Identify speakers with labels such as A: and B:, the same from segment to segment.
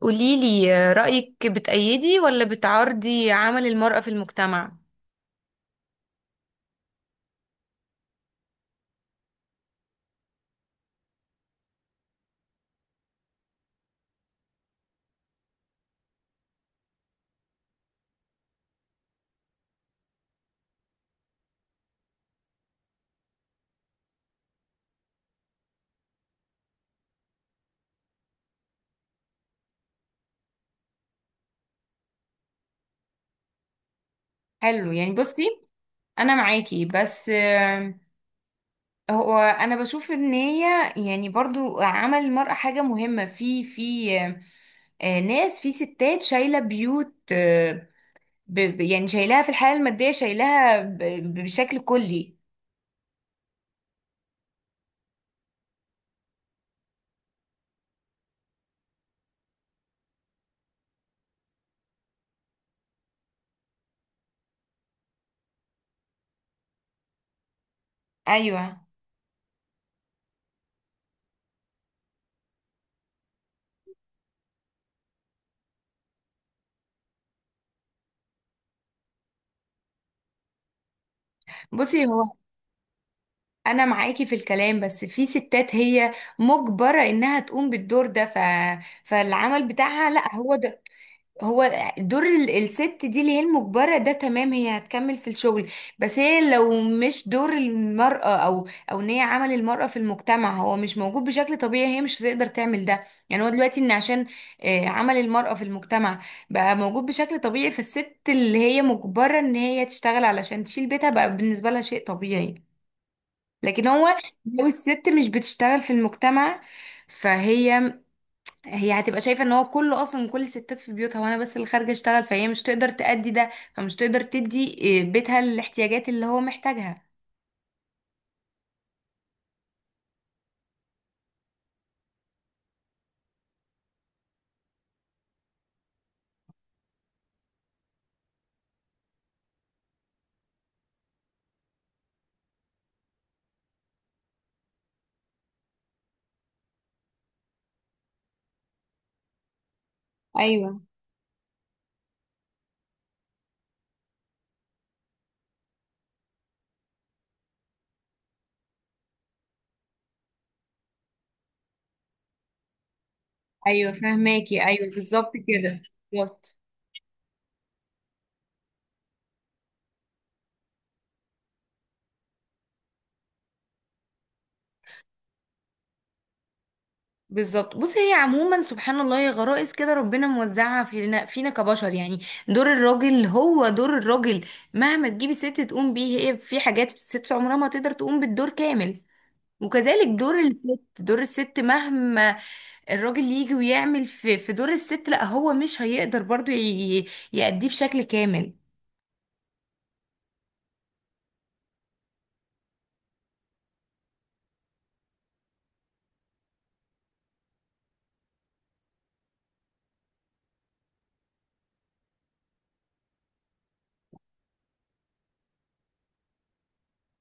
A: قوليلي رأيك بتأيدي ولا بتعارضي عمل المرأة في المجتمع؟ حلو، يعني بصي. انا معاكي بس هو انا بشوف ان هي يعني برضو عمل المرأة حاجة مهمة في في آه، آه، ناس في ستات شايلة بيوت يعني شايلاها في الحياة المادية شايلاها بشكل كلي. ايوه، بصي. هو انا معاكي في الكلام بس في ستات هي مجبرة انها تقوم بالدور ده فالعمل بتاعها لا، هو ده. هو دور الست دي اللي هي المجبرة ده، تمام هي هتكمل في الشغل. بس هي لو مش دور المرأة او ان هي عمل المرأة في المجتمع هو مش موجود بشكل طبيعي، هي مش هتقدر تعمل ده. يعني هو دلوقتي ان عشان عمل المرأة في المجتمع بقى موجود بشكل طبيعي، فالست اللي هي مجبرة ان هي تشتغل علشان تشيل بيتها بقى بالنسبة لها شيء طبيعي. لكن هو لو الست مش بتشتغل في المجتمع، فهي هتبقى شايفة ان هو كله اصلا كل الستات في بيوتها وانا بس اللي خارجة اشتغل، فهي مش تقدر تأدي ده، فمش تقدر تدي بيتها الاحتياجات اللي هو محتاجها. ايوه، ايوه، فهماكي، ايوه بالظبط كده. بالظبط. بالظبط، بص هي عموما سبحان الله، هي غرائز كده ربنا موزعها فينا كبشر يعني. دور الراجل هو دور الراجل، مهما تجيبي ست تقوم بيه، هي في حاجات الست عمرها ما تقدر تقوم بالدور كامل. وكذلك دور الست، دور الست مهما الراجل يجي ويعمل في دور الست، لا هو مش هيقدر برضو ي- يأديه بشكل كامل.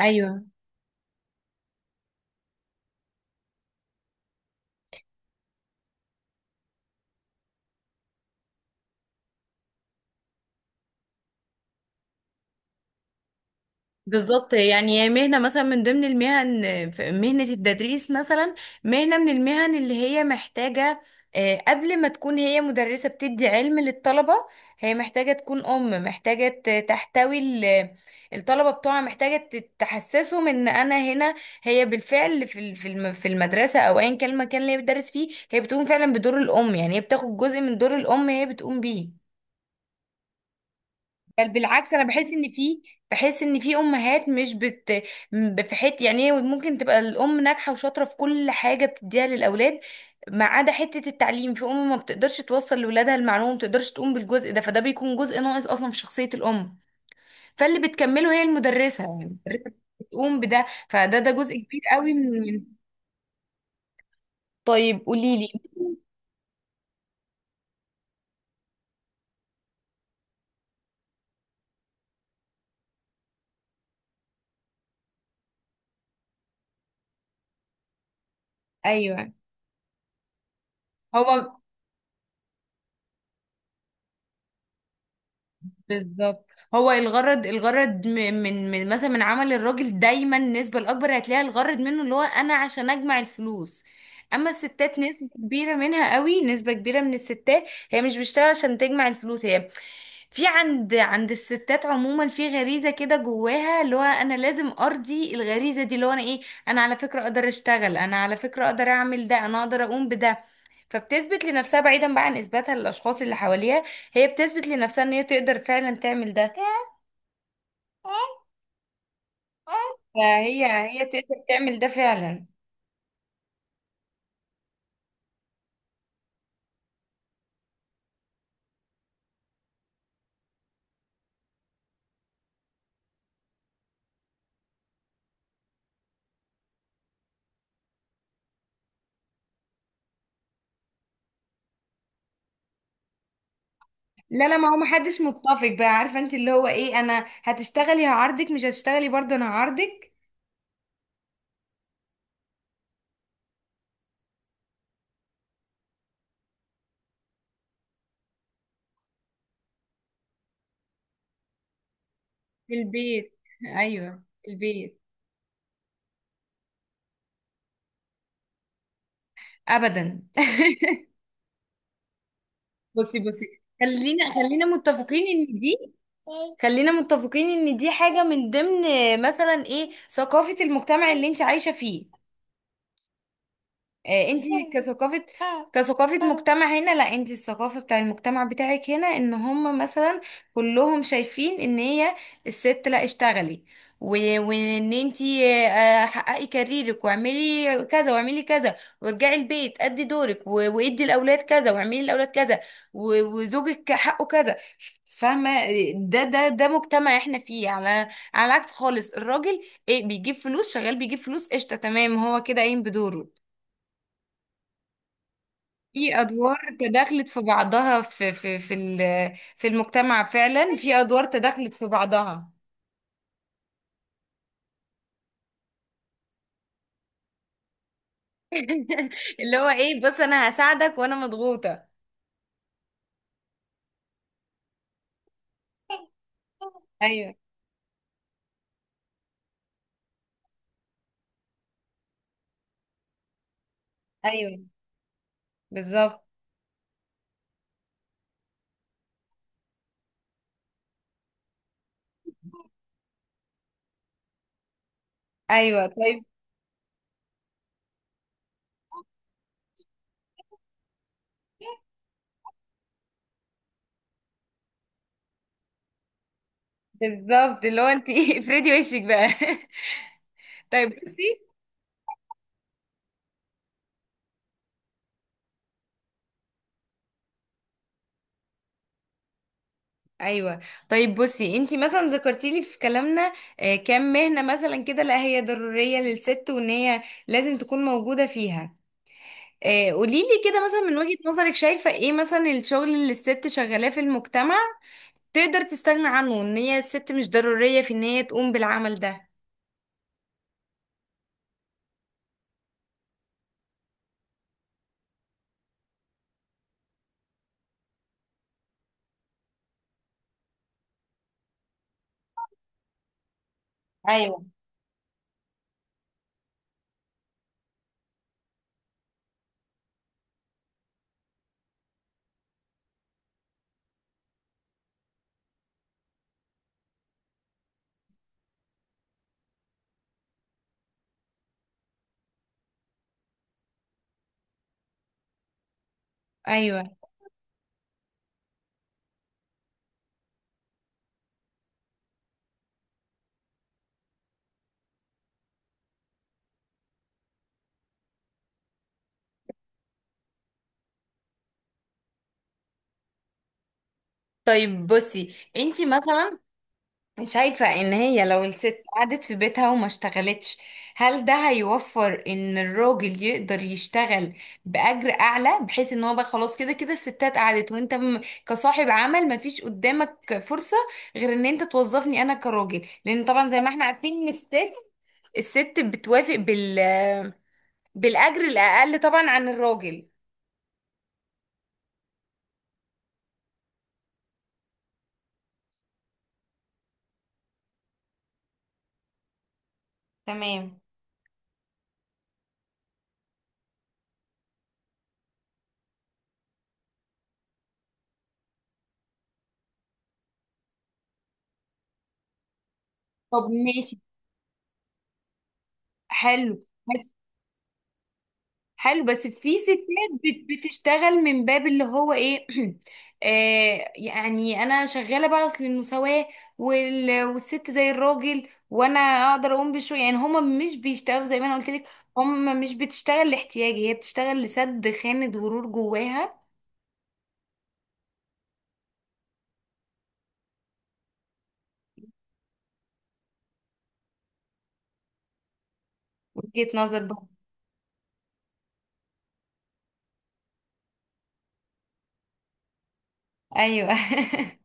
A: ايوه بالظبط. يعني هي مهنة مثلا، من ضمن المهن في مهنة التدريس مثلا، مهنة من المهن اللي هي محتاجة قبل ما تكون هي مدرسة بتدي علم للطلبة، هي محتاجة تكون أم، محتاجة تحتوي الطلبة بتوعها، محتاجة تحسسهم إن أنا هنا. هي بالفعل في في المدرسة أو أيا كان المكان اللي هي بتدرس فيه، هي بتقوم فعلا بدور الأم. يعني هي بتاخد جزء من دور الأم هي بتقوم بيه. بل بالعكس، انا بحس ان في بحس ان في امهات مش بت ب- في حته يعني ممكن تبقى الام ناجحه وشاطره في كل حاجه بتديها للاولاد، ما عدا حته التعليم. في ام ما بتقدرش توصل لاولادها المعلومه، ما بتقدرش تقوم بالجزء ده، فده بيكون جزء ناقص اصلا في شخصيه الام. فاللي بتكمله هي المدرسه، يعني المدرسه بتقوم بده، فده جزء كبير قوي طيب قولي لي. ايوه هو بالظبط. هو الغرض، من مثلا من عمل الراجل دايما، النسبة الأكبر هتلاقي الغرض منه اللي هو أنا عشان أجمع الفلوس. أما الستات نسبة كبيرة منها قوي، نسبة كبيرة من الستات هي مش بتشتغل عشان تجمع الفلوس. هي في عند الستات عموما في غريزة كده جواها، اللي هو أنا لازم أرضي الغريزة دي، اللي هو أنا أنا على فكرة أقدر أشتغل، أنا على فكرة أقدر أعمل ده، أنا أقدر أقوم بده. فبتثبت لنفسها بعيدا بقى عن اثباتها للاشخاص اللي حواليها، هي بتثبت لنفسها ان هي تقدر فعلا تعمل ده. فهي تقدر تعمل ده فعلا. لا، لا، ما هو محدش متفق بقى، عارفه انت اللي هو انا هتشتغلي هعارضك، مش هتشتغلي برضه انا هعارضك. في البيت. ايوه، في البيت. ابدا. بصي بصي، خلينا خلينا متفقين ان دي خلينا متفقين ان دي حاجة من ضمن مثلا ثقافة المجتمع اللي انت عايشة فيه. انت كثقافة كثقافة مجتمع هنا. لا، انت الثقافة بتاع المجتمع بتاعك هنا، ان هم مثلا كلهم شايفين ان هي الست، لا اشتغلي وان انت حققي كاريرك واعملي كذا واعملي كذا، وارجعي البيت ادي دورك وادي الاولاد كذا واعملي الاولاد كذا، وزوجك حقه كذا، فاهمة؟ ده مجتمع احنا فيه، على العكس خالص. الراجل بيجيب فلوس، شغال بيجيب فلوس، قشطة، تمام هو كده قايم بدوره. في ادوار تداخلت في بعضها، في المجتمع فعلا في ادوار تداخلت في بعضها. اللي هو بص انا هساعدك وانا مضغوطة. ايوه، ايوه بالظبط. ايوه طيب. بالظبط، اللي هو انت افردي وشك بقى طيب بصي. ايوه طيب بصي، انت مثلا ذكرتي لي في كلامنا كام مهنه مثلا كده لا هي ضروريه للست وان هي لازم تكون موجوده فيها. قوليلي كده مثلا، من وجهة نظرك شايفة ايه مثلا الشغل اللي الست شغالاه في المجتمع تقدر تستغنى عنه، ان هي الست مش ضرورية في ان هي تقوم بالعمل ده. ايوه، ايوه. طيب بصي انتي مثلا، شايفة ان هي لو الست قعدت في بيتها وما اشتغلتش، هل ده هيوفر ان الراجل يقدر يشتغل بأجر اعلى، بحيث ان هو بقى خلاص كده كده الستات قعدت، وانت كصاحب عمل ما فيش قدامك فرصة غير ان انت توظفني انا كراجل، لان طبعا زي ما احنا عارفين ان الست، بتوافق بالأجر الاقل طبعا عن الراجل. تمام. طب ماشي. حلو، حلو بس في ستات بتشتغل من باب اللي هو آه يعني انا شغاله بقى اصل المساواه والست زي الراجل وانا اقدر اقوم بشويه، يعني هما مش بيشتغلوا زي ما انا قلت لك. هما مش بتشتغل لاحتياج، هي بتشتغل لسد خانه غرور جواها. وجهه نظر بقى. ايوه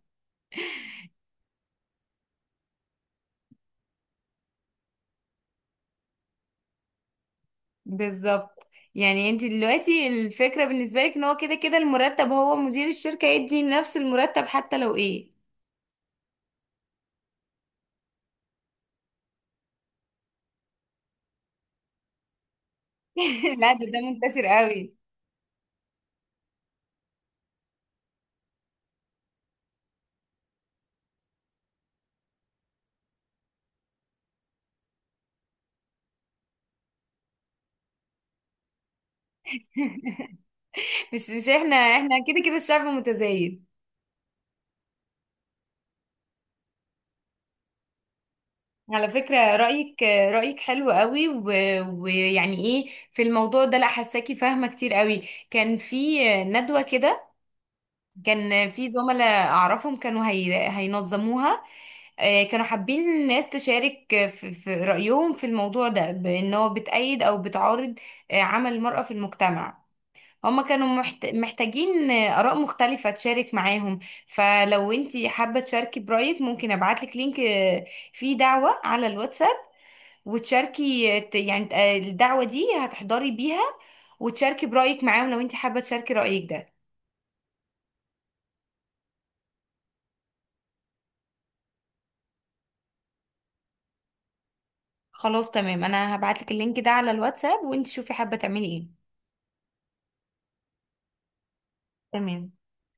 A: بالظبط. يعني انت دلوقتي الفكره بالنسبه لك ان هو كده كده المرتب، هو مدير الشركه يدي نفس المرتب حتى لو ايه. لا، ده منتشر قوي. مش احنا كده كده الشعب متزايد. على فكرة رأيك حلو قوي، ويعني ايه في الموضوع ده، لا حساكي فاهمة كتير قوي. كان في ندوة كده، كان في زملاء اعرفهم كانوا هي هينظموها. كانوا حابين الناس تشارك في رأيهم في الموضوع ده بأن هو بتأيد او بتعارض عمل المرأة في المجتمع. هما كانوا محتاجين آراء مختلفة تشارك معاهم. فلو انتي حابة تشاركي برأيك، ممكن ابعتلك لينك فيه دعوة على الواتساب، وتشاركي الدعوة دي هتحضري بيها وتشاركي برأيك معاهم لو انتي حابة تشاركي رأيك ده. خلاص تمام، انا هبعتلك اللينك ده على الواتساب وانتي شوفي حابة تعملي ايه. تمام.